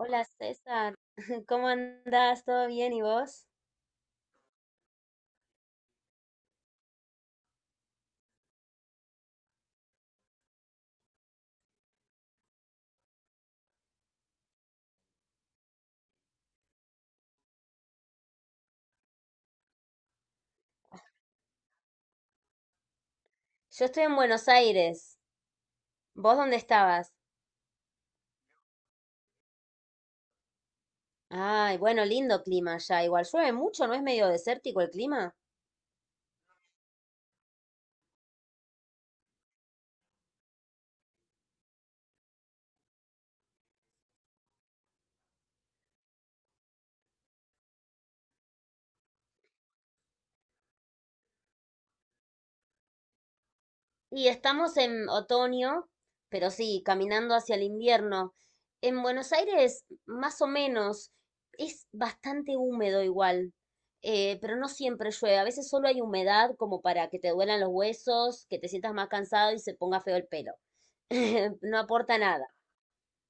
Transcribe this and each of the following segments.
Hola César, ¿cómo andás? ¿Todo bien? ¿Y vos? Yo estoy en Buenos Aires. ¿Vos dónde estabas? Ay, bueno, lindo clima ya. Igual llueve mucho, ¿no es medio desértico el clima? Y estamos en otoño, pero sí, caminando hacia el invierno. En Buenos Aires, más o menos, es bastante húmedo igual, pero no siempre llueve. A veces solo hay humedad como para que te duelan los huesos, que te sientas más cansado y se ponga feo el pelo. No aporta nada.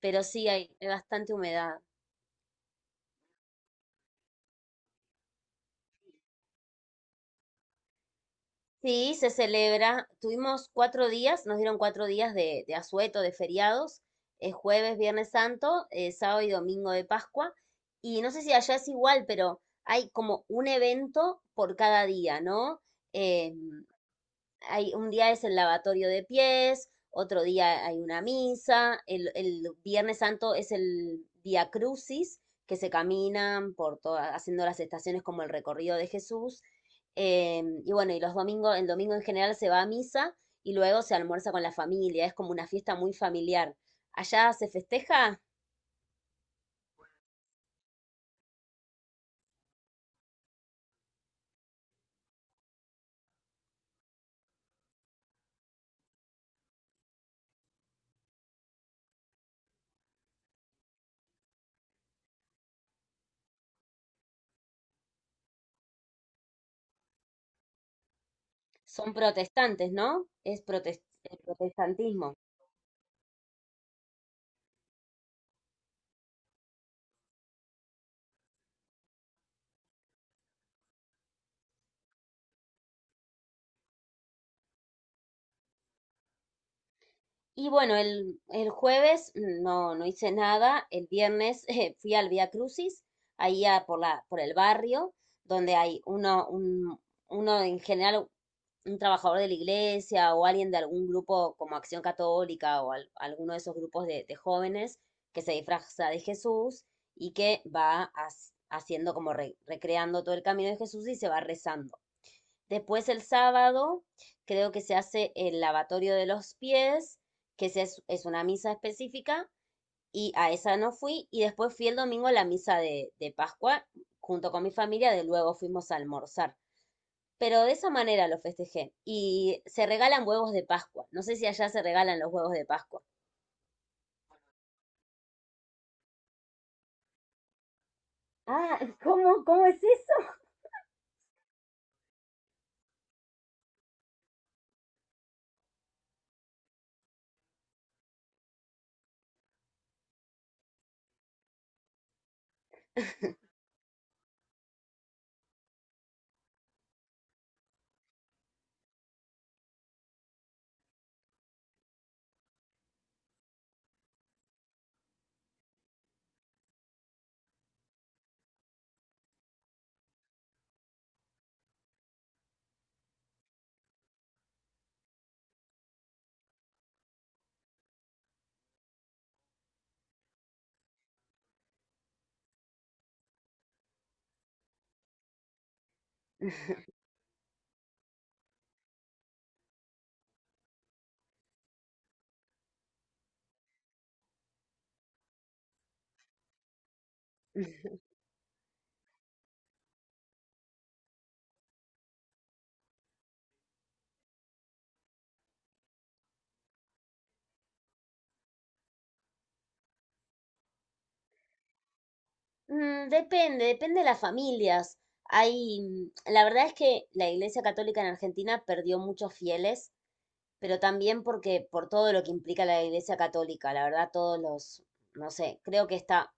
Pero sí hay bastante humedad. Sí, se celebra. Tuvimos cuatro días, nos dieron cuatro días de asueto, de feriados, jueves, viernes santo, sábado y domingo de Pascua. Y no sé si allá es igual, pero hay como un evento por cada día, ¿no? Eh, hay, un día es el lavatorio de pies, otro día hay una misa, el Viernes Santo es el Via Crucis, que se caminan por todas haciendo las estaciones como el recorrido de Jesús. Y bueno, y los domingos, el domingo en general se va a misa y luego se almuerza con la familia, es como una fiesta muy familiar. Allá se festeja, son protestantes, ¿no? El protestantismo. Y bueno, el jueves no, no hice nada. El viernes fui al Vía Crucis, ahí a por la, por el barrio, donde hay uno en general, un trabajador de la iglesia o alguien de algún grupo como Acción Católica o alguno de esos grupos de jóvenes que se disfraza de Jesús y que va haciendo como recreando todo el camino de Jesús y se va rezando. Después el sábado creo que se hace el lavatorio de los pies, que es una misa específica, y a esa no fui. Y después fui el domingo a la misa de Pascua junto con mi familia, de luego fuimos a almorzar. Pero de esa manera lo festejé. Y se regalan huevos de Pascua. No sé si allá se regalan los huevos de Pascua. Ah, ¿cómo, cómo es eso? Mm, depende, depende de las familias. Hay, mm, la verdad es que la Iglesia Católica en Argentina perdió muchos fieles, pero también porque por todo lo que implica la Iglesia Católica, la verdad, todos los, no sé, creo que está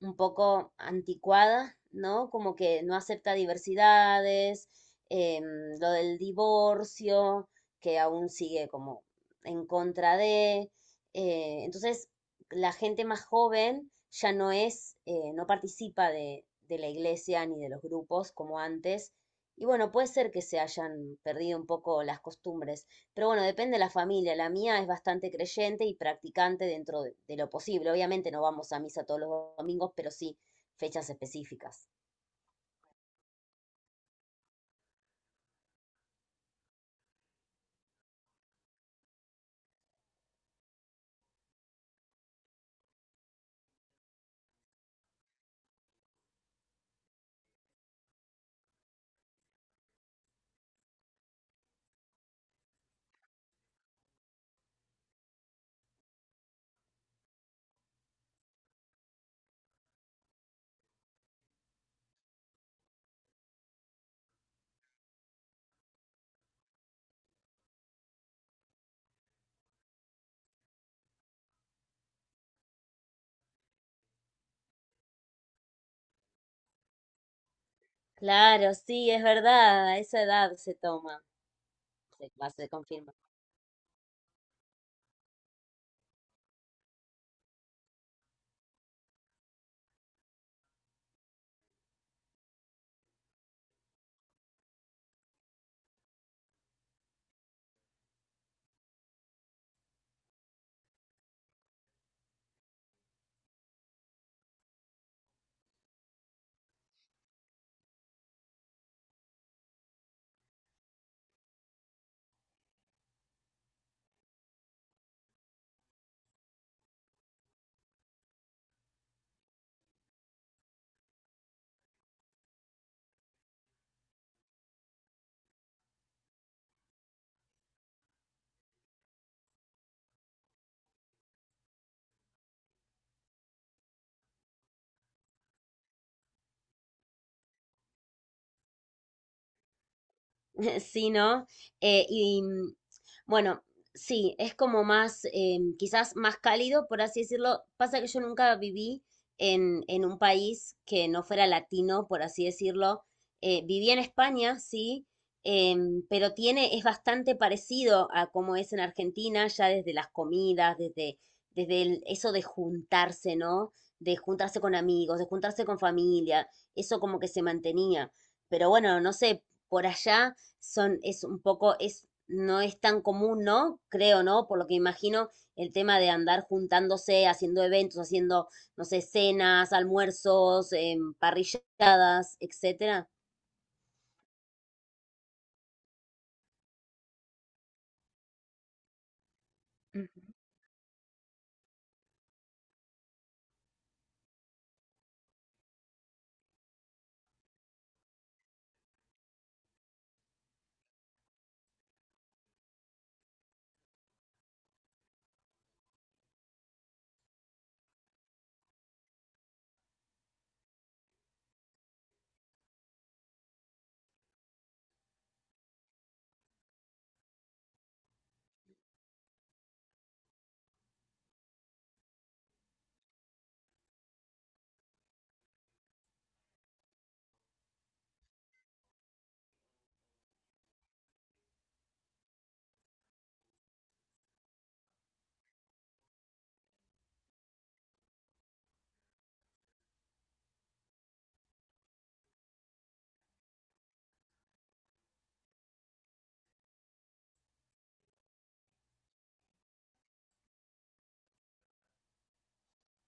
un poco anticuada, ¿no? Como que no acepta diversidades, em, lo del divorcio, que aún sigue como en contra de. Entonces, la gente más joven ya no es, no participa de la iglesia ni de los grupos como antes. Y bueno, puede ser que se hayan perdido un poco las costumbres. Pero bueno, depende de la familia. La mía es bastante creyente y practicante dentro de lo posible. Obviamente no vamos a misa todos los domingos, pero sí fechas específicas. Claro, sí, es verdad, a esa edad se toma. Se, Se confirma. Sí, ¿no? Eh, y mm, bueno, sí, es como más, quizás más cálido, por así decirlo. Pasa que yo nunca viví en un país que no fuera latino, por así decirlo. Viví en España, sí, pero tiene, es bastante parecido a cómo es en Argentina, ya desde las comidas, desde, eso de juntarse, ¿no? De juntarse con amigos, de juntarse con familia, eso como que se mantenía. Pero bueno, no sé, por allá son, es un poco, es, no es tan común, ¿no? Creo, ¿no? Por lo que imagino, el tema de andar juntándose, haciendo eventos, haciendo, no sé, cenas, almuerzos, parrilladas, etcétera. Ujú.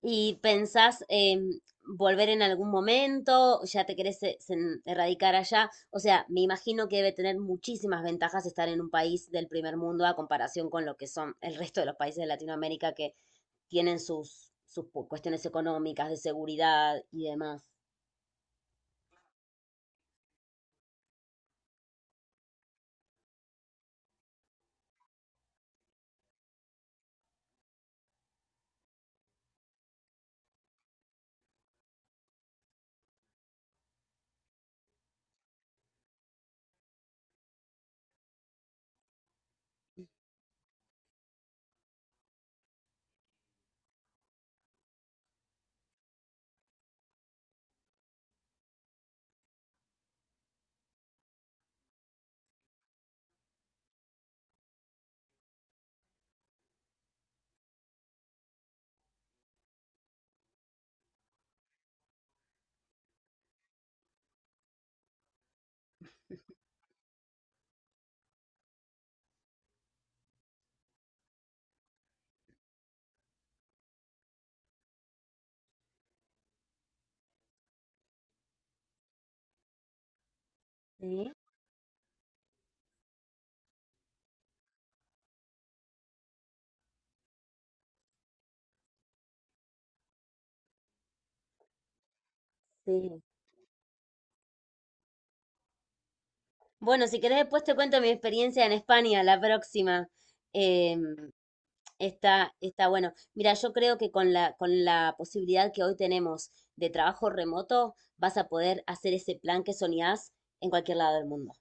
¿Y pensás volver en algún momento? ¿Ya te querés erradicar allá? O sea, me imagino que debe tener muchísimas ventajas estar en un país del primer mundo a comparación con lo que son el resto de los países de Latinoamérica que tienen sus, cuestiones económicas, de seguridad y demás. Sí, sí. Bueno, si querés después te cuento mi experiencia en España, la próxima. Em, Está, está bueno. Mira, yo creo que con la posibilidad que hoy tenemos de trabajo remoto, vas a poder hacer ese plan que soñás en cualquier lado del mundo.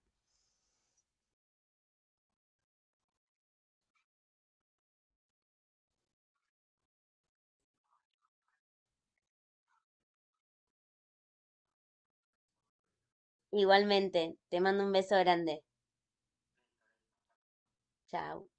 Igualmente, te mando un beso grande. Chao.